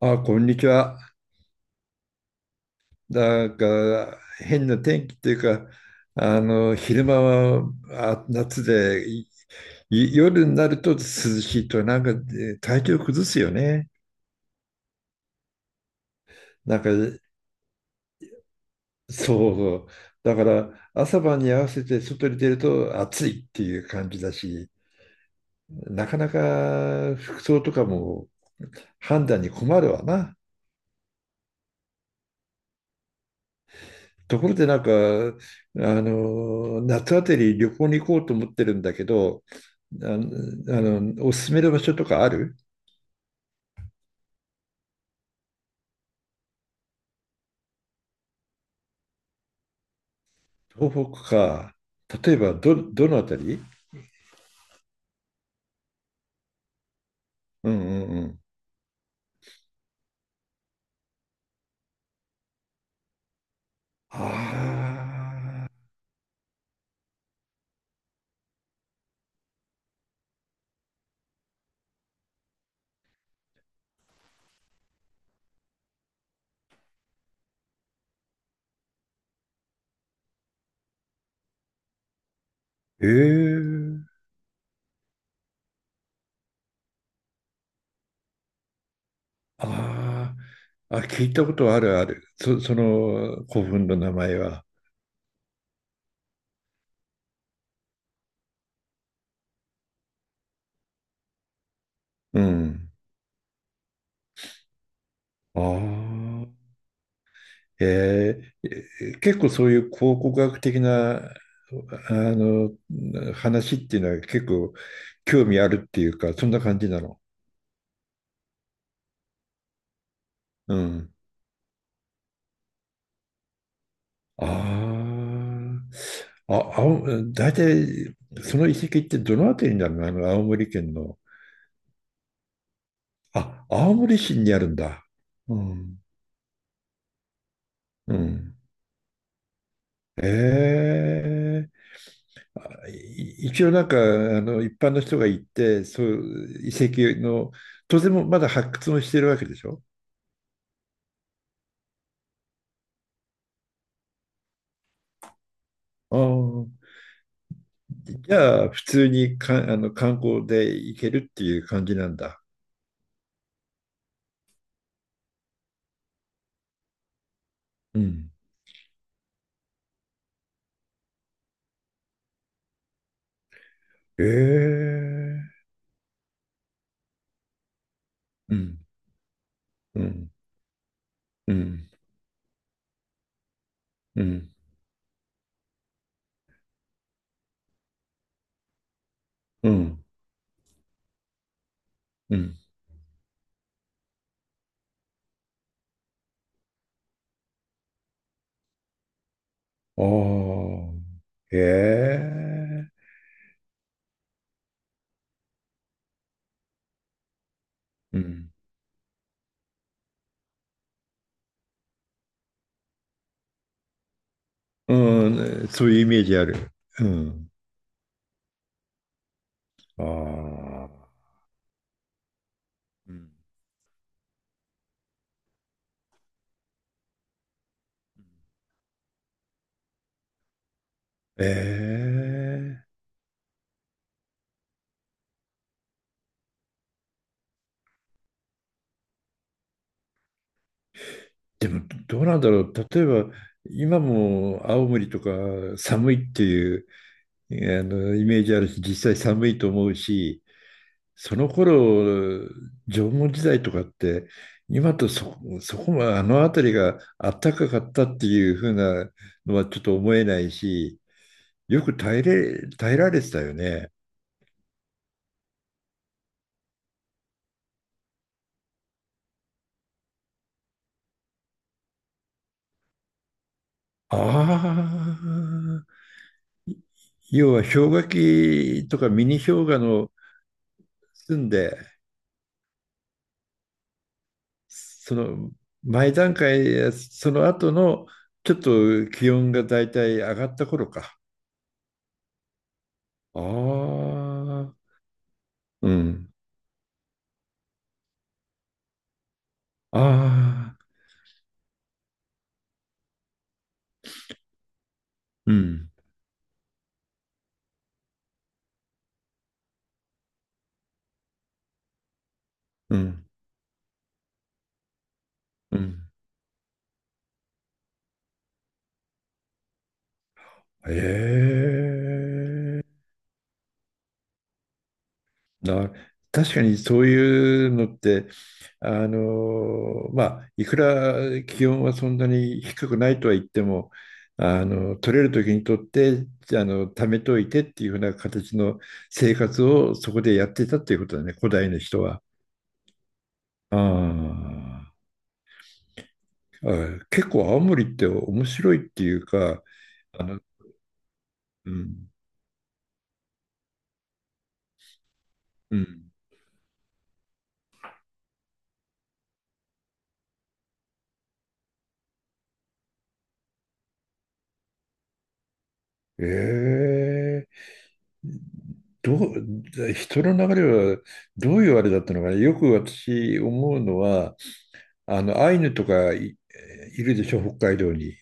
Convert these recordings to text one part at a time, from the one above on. あ、こんにちは。なんか変な天気っていうか、昼間は夏で、い夜になると涼しいと、なんか体調崩すよね。なんかそう、だから朝晩に合わせて外に出ると暑いっていう感じだし、なかなか服装とかも判断に困るわな。ところでなんか、夏あたり旅行に行こうと思ってるんだけど、あの、おすすめの場所とかある？東北か。例えば、どのあたり？うんうんうん。ああ、ええ、ああ、あ、聞いたことあるある。その古墳の名前は。うん。ああ、え結構そういう考古学的な、あの、話っていうのは結構興味あるっていうか、そんな感じなの。うん。ああ、大体、その遺跡ってどのあたりになるの？青森県の。あ、青森市にあるんだ。うん。うん。ええ。一応なんか、一般の人が行って、そういう遺跡の、当然もまだ発掘もしてるわけでしょ？ああ。じゃあ、普通にか、観光で行けるっていう感じなんだ。うん。ええ。うん。うん。うん。うん。うん、うん。ああ、へえ、うん、うん、ね、そういうイメージある。うん、ああ、うん。ええ、でもどうなんだろう。例えば、今も青森とか寒いっていう、イメージあるし、実際寒いと思うし、その頃、縄文時代とかって、今とそこもあの辺りがあったかかったっていう風なのはちょっと思えないし、よく耐えられてたよね。ああ、要は氷河期とかミニ氷河の住んで、その前段階、その後のちょっと気温がだいたい上がった頃か。ああ、うん。ああ、うん。うん。うん。ええ、な、確かにそういうのって、まあ、いくら気温はそんなに低くないとは言っても、取れる時に取って、貯めといてっていうふうな形の生活をそこでやってたっていうことだね、古代の人は。あーあ、結構青森って面白いっていうか、あの、うん、うん。ええ、どう、人の流れはどういうあれだったのかな。よく私思うのは、アイヌとかいるでしょ、北海道に。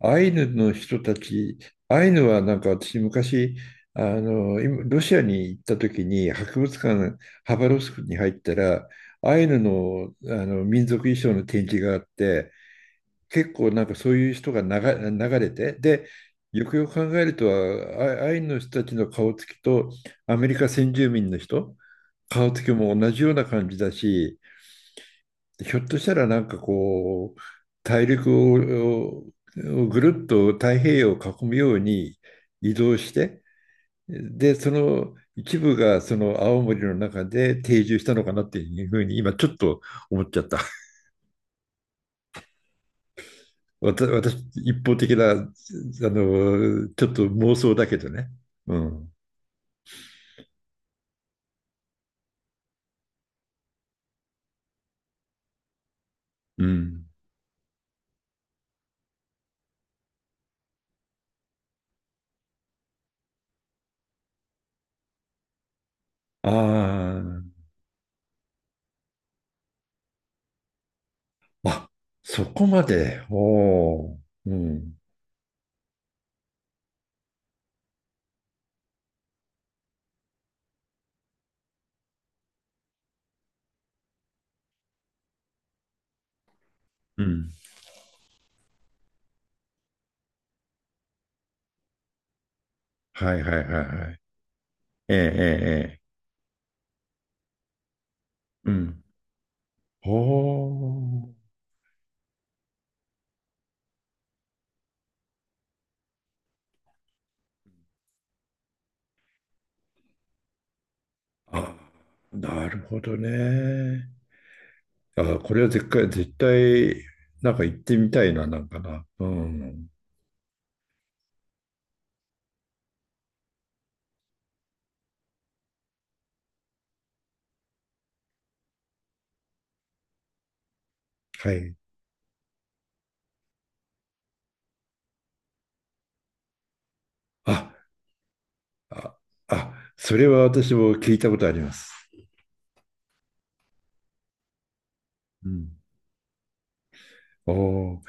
アイヌの人たち、アイヌはなんか私昔、今ロシアに行った時に、博物館、ハバロフスクに入ったら、アイヌの、民族衣装の展示があって、結構なんかそういう人が流れて、で、よくよく考えるとアイヌの人たちの顔つきとアメリカ先住民の人、顔つきも同じような感じだし、ひょっとしたらなんかこう、大陸をぐるっと太平洋を囲むように移動して、で、その一部がその青森の中で定住したのかなっていうふうに今ちょっと思っちゃった。私、一方的な、ちょっと妄想だけどね。うん。うん。ああ、あ、そこまで。おお。うん。うん。はいはいはいはい。ええええ。ええ、うん。おお。あ、なるほどね。あ、これは絶対、絶対、なんか行ってみたいな、なんかな。うん。はい。あ、あ、あ、それは私も聞いたことあります。うん。おー、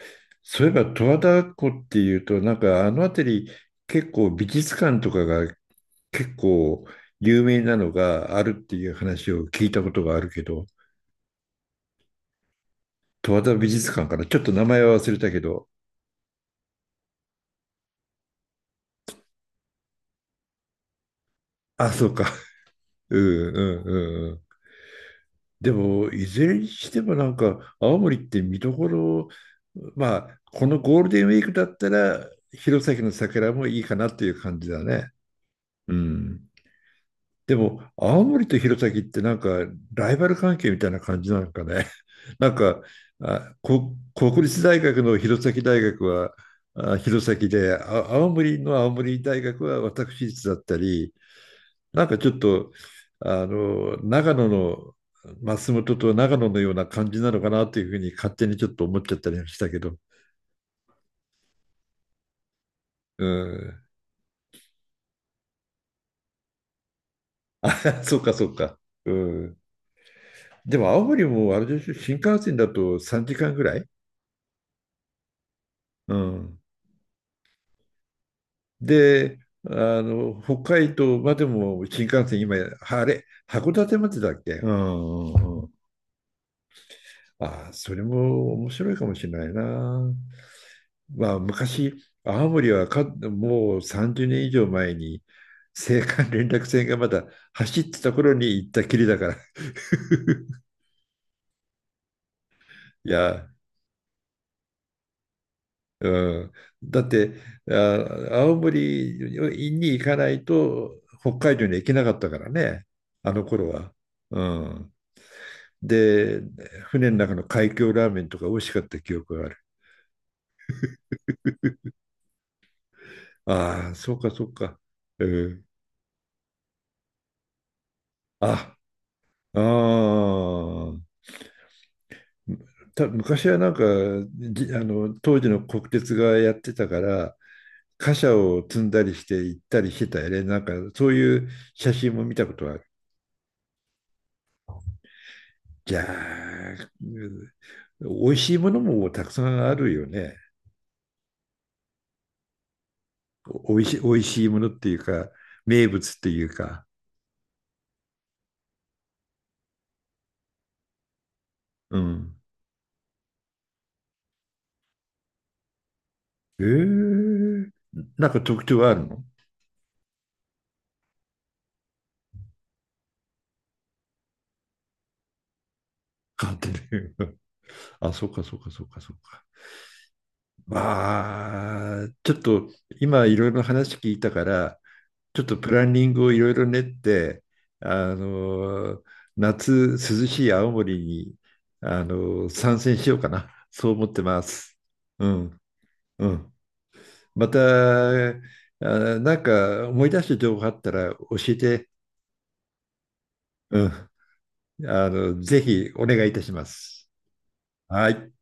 そういえば十和田湖っていうと、なんかあの辺り結構美術館とかが結構有名なのがあるっていう話を聞いたことがあるけど、十和田美術館かな、ちょっと名前は忘れたけど、あ、そうか。うんうんうんうん。でも、いずれにしてもなんか青森って見どころ、まあ、このゴールデンウィークだったら弘前の桜もいいかなっていう感じだね。うん。でも、青森と弘前ってなんか、ライバル関係みたいな感じなのかね。なんか、国立大学の弘前大学は、あ、弘前で、あ、青森の青森大学は私立だったり、なんかちょっと、長野の松本と長野のような感じなのかなというふうに勝手にちょっと思っちゃったりもしたけど。うん。そうか、そうか。うん。でも、青森もあれでしょ、新幹線だと3時間ぐらい。うん。で、あ北海道までも新幹線、今、あれ、函館までだっけ？うんうんうん。あ、それも面白いかもしれないな。まあ、昔、青森はもう30年以上前に、青函連絡船がまだ走ってた頃に行ったきりだから。いや、うん。だって、あ、青森に行かないと、北海道に行けなかったからね、あの頃は。うん。で、船の中の海峡ラーメンとか美味しかった記憶がある。ああ、そうかそうか。うん。あ、ああ。昔はなんかあの当時の国鉄がやってたから貨車を積んだりして行ったりしてたよね。なんかそういう写真も見たことはある。じゃあ、うん、美味しいものもたくさんあるよね。おいしい、美味しいものっていうか名物っていうか。うん。ええ、なんか特徴あるの？鑑定留学。あ、そうか、そうか、そうか、そうか。まあ、ちょっと今いろいろ話聞いたから、ちょっとプランニングをいろいろ練って、あの、夏涼しい青森に、参戦しようかな。そう思ってます。うん、うん。また、あ、なんか思い出した情報あったら教えて、うん。ぜひお願いいたします。はい。